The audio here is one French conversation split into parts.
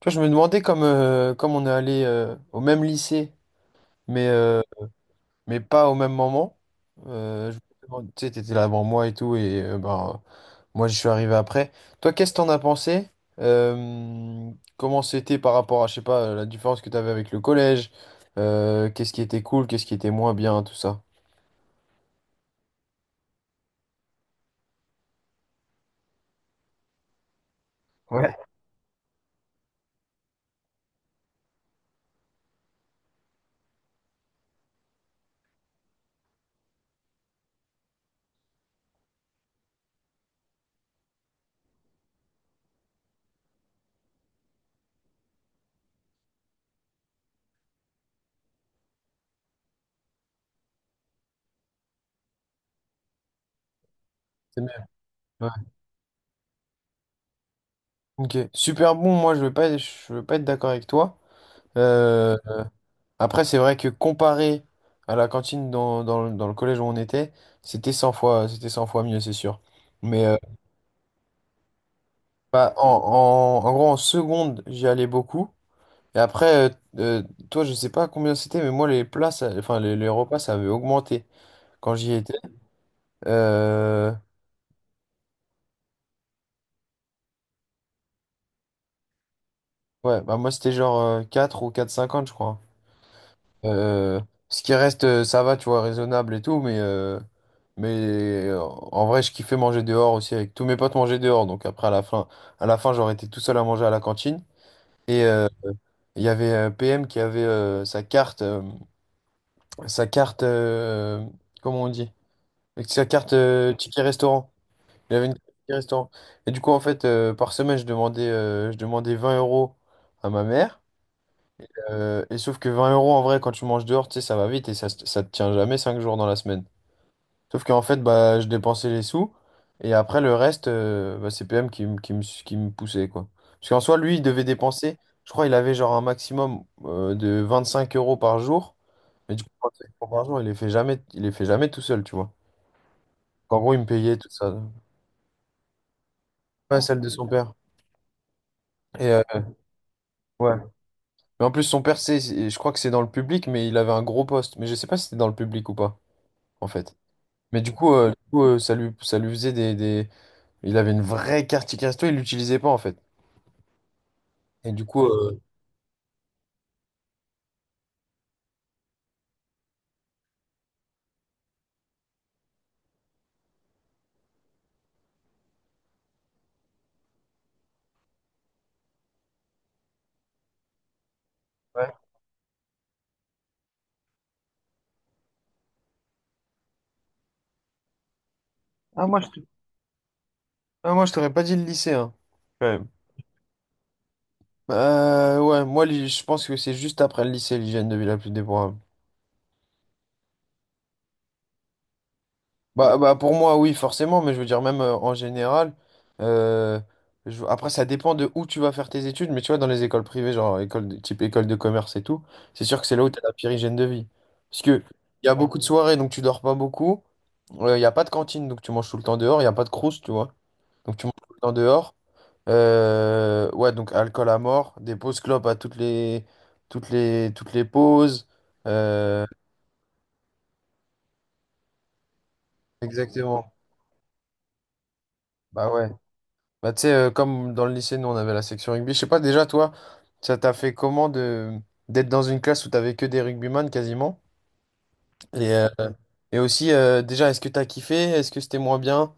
Tu vois, je me demandais comme on est allé au même lycée, mais, euh, mais pas au même moment. Tu sais, t'étais là avant moi et tout, et moi je suis arrivé après. Toi, qu'est-ce que t'en as pensé? Euh, Comment c'était par rapport à, je sais pas, la différence que t'avais avec le collège? Qu'est-ce qui était cool, qu'est-ce qui était moins bien, tout ça? Ouais. C'est mieux. Ouais. Ok. Super bon, moi je vais pas être d'accord avec toi. Euh, Après, c'est vrai que comparé à la cantine dans le collège où on était, c'était 100 fois mieux, c'est sûr. Mais bah, en gros, en seconde, j'y allais beaucoup. Et après, euh, toi, je sais pas combien c'était, mais moi, enfin, les repas, ça avait augmenté quand j'y étais. Euh, ouais, bah, moi, c'était genre 4 ou 4,50 je crois. Euh, Ce qui reste, ça va, tu vois, raisonnable et tout, mais en vrai, je kiffais manger dehors aussi avec tous mes potes manger dehors. Donc après, à la fin, j'aurais été tout seul à manger à la cantine. Et il y avait PM qui avait sa carte, sa carte, euh, comment on dit? Avec sa carte ticket restaurant. Il avait une carte ticket restaurant. Et du coup, en fait, par semaine, je demandais 20 € à ma mère. Et sauf que 20 € en vrai, quand tu manges dehors, tu sais, ça va vite et ça te tient jamais 5 jours dans la semaine. Sauf qu'en fait, bah, je dépensais les sous et après le reste, bah, c'est PM qui me poussait quoi. Parce qu'en soi, lui, il devait dépenser, je crois, il avait genre un maximum de 25 € par jour. Mais du coup, 25 € par jour, il les fait jamais, il les fait jamais tout seul, tu vois. En gros, il me payait tout ça. Pas celle de son père. Et ouais. Mais en plus, son père, je crois que c'est dans le public, mais il avait un gros poste. Mais je sais pas si c'était dans le public ou pas, en fait. Mais du coup, ça lui faisait des- Il avait une vraie carte ticket resto, il l'utilisait pas en fait. Et du coup... euh, ouais. Ah, moi, je te- ah, moi, je t'aurais pas dit le lycée, hein. Quand même. Ouais, moi, je pense que c'est juste après le lycée, l'hygiène de vie la plus déplorable. Bah, pour moi, oui, forcément, mais je veux dire, même en général, euh, après, ça dépend de où tu vas faire tes études, mais tu vois, dans les écoles privées, genre type école de commerce et tout, c'est sûr que c'est là où tu as la pire hygiène de vie. Parce que il y a beaucoup de soirées, donc tu dors pas beaucoup, il n'y a pas de cantine, donc tu manges tout le temps dehors, il n'y a pas de croust, tu vois, donc tu manges tout le temps dehors. Ouais, donc alcool à mort, des pauses clopes à toutes les pauses. euh, exactement. Bah ouais. Bah, tu sais, comme dans le lycée, nous, on avait la section rugby. Je sais pas, déjà, toi, ça t'a fait comment de d'être dans une classe où t'avais que des rugbyman quasiment? Et, euh, et aussi, déjà, est-ce que t'as kiffé? Est-ce que c'était moins bien?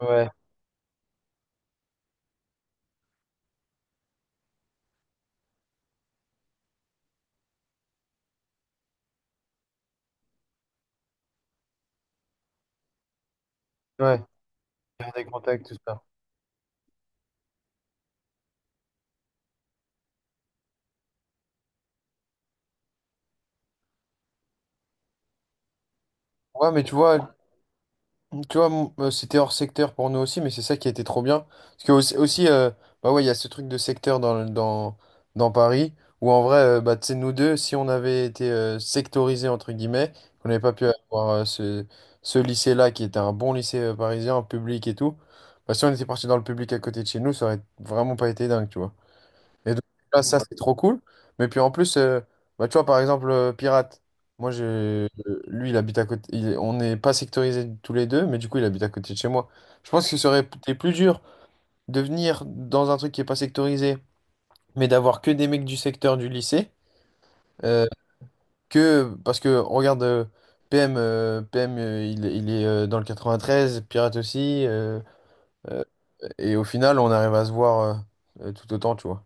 Ouais, ouais. Faire des contacts, tout ça. Ouais, mais tu vois, c'était hors secteur pour nous aussi, mais c'est ça qui était trop bien. Parce que aussi, bah ouais, il y a ce truc de secteur dans Paris, où en vrai, bah, tu sais, nous deux, si on avait été sectorisés, entre guillemets, qu'on n'avait pas pu avoir ce lycée-là, qui était un bon lycée parisien, public et tout, bah, si on était parti dans le public à côté de chez nous, ça aurait vraiment pas été dingue, tu vois. Et donc là, ça, c'est trop cool. Mais puis en plus, bah, tu vois, par exemple, Pirate, moi, j'ai, euh, lui, il habite à côté. On n'est pas sectorisés tous les deux, mais du coup, il habite à côté de chez moi. Je pense que ce serait peut-être plus dur de venir dans un truc qui n'est pas sectorisé, mais d'avoir que des mecs du secteur du lycée. euh, parce que, regarde, PM il est, dans le 93, Pirate aussi. Euh, et au final, on arrive à se voir tout autant, tu vois.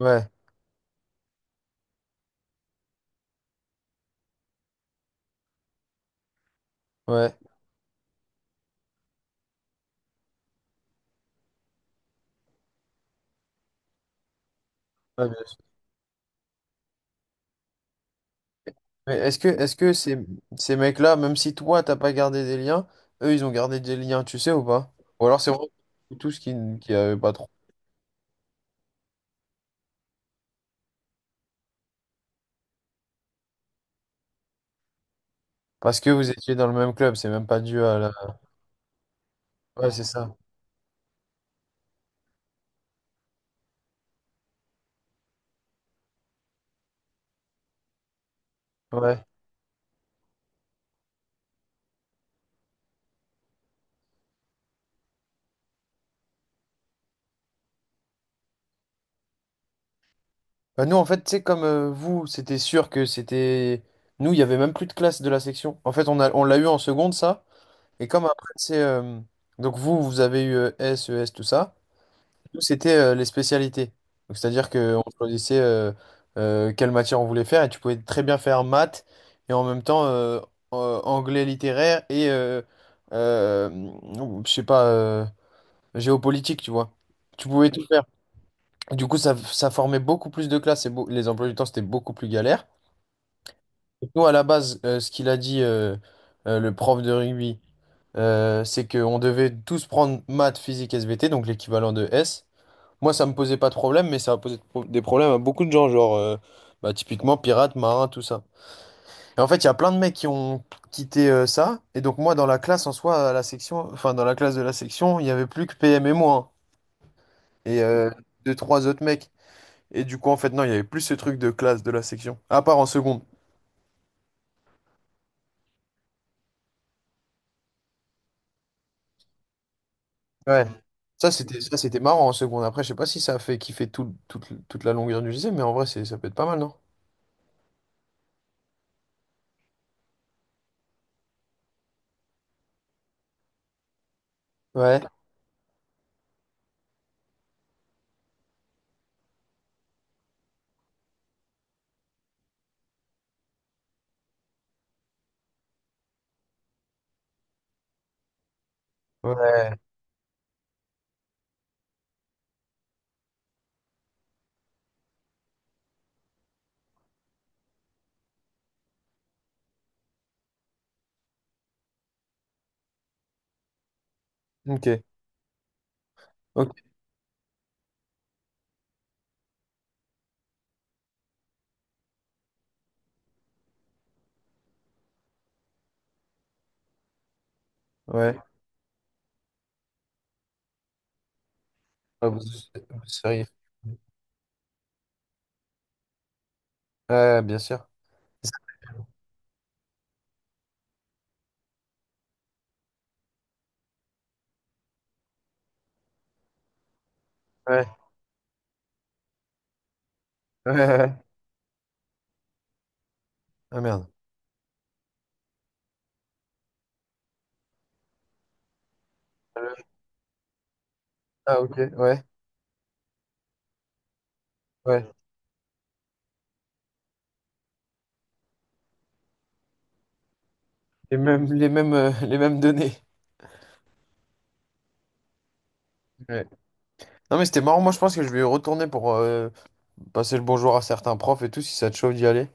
Ouais, ouais. Ouais, mais est-ce que ces mecs-là, même si toi, t'as pas gardé des liens, eux, ils ont gardé des liens, tu sais ou pas? Ou alors c'est vraiment tous qui avaient pas trop. Parce que vous étiez dans le même club, c'est même pas dû à la... Ouais, c'est ça. Ouais. Bah, nous, en fait, c'est comme vous, c'était sûr que c'était... Nous, il y avait même plus de classe de la section. En fait, on l'a eu en seconde, ça. Et comme après, c'est... Donc vous, vous avez eu S, ES, tout ça. Nous, c'était les spécialités. Donc, c'est-à-dire qu'on choisissait quelle matière on voulait faire et tu pouvais très bien faire maths et en même temps anglais littéraire et euh, je sais pas, géopolitique, tu vois. Tu pouvais tout faire. Du coup, ça formait beaucoup plus de classes et les emplois du temps, c'était beaucoup plus galère. Nous, à la base, ce qu'il a dit le prof de rugby, c'est qu'on devait tous prendre maths, physique, SVT, donc l'équivalent de S. Moi, ça me posait pas de problème, mais ça a posé des problèmes à beaucoup de gens, genre bah, typiquement pirates, marins, tout ça. Et en fait, il y a plein de mecs qui ont quitté ça. Et donc moi, dans la classe en soi, à la section, enfin dans la classe de la section, il y avait plus que PM et moi hein, et deux trois autres mecs. Et du coup, en fait, non, il y avait plus ce truc de classe de la section, à part en seconde. Ouais. Ça, c'était marrant en seconde. Après, je sais pas si ça a fait kiffer toute la longueur du lycée, mais en vrai, c'est ça peut être pas mal, non? Ouais. Ouais. Ok. Ok. Ouais. Ah, vous seriez- Ouais, bien sûr. Ouais, ouais, ouais. Ouais. Ah merde. Euh, Ah ok, ouais, ouais. Les mêmes, les mêmes données. Ouais. Non mais c'était marrant, moi je pense que je vais retourner pour passer le bonjour à certains profs et tout, si ça te chauffe d'y aller.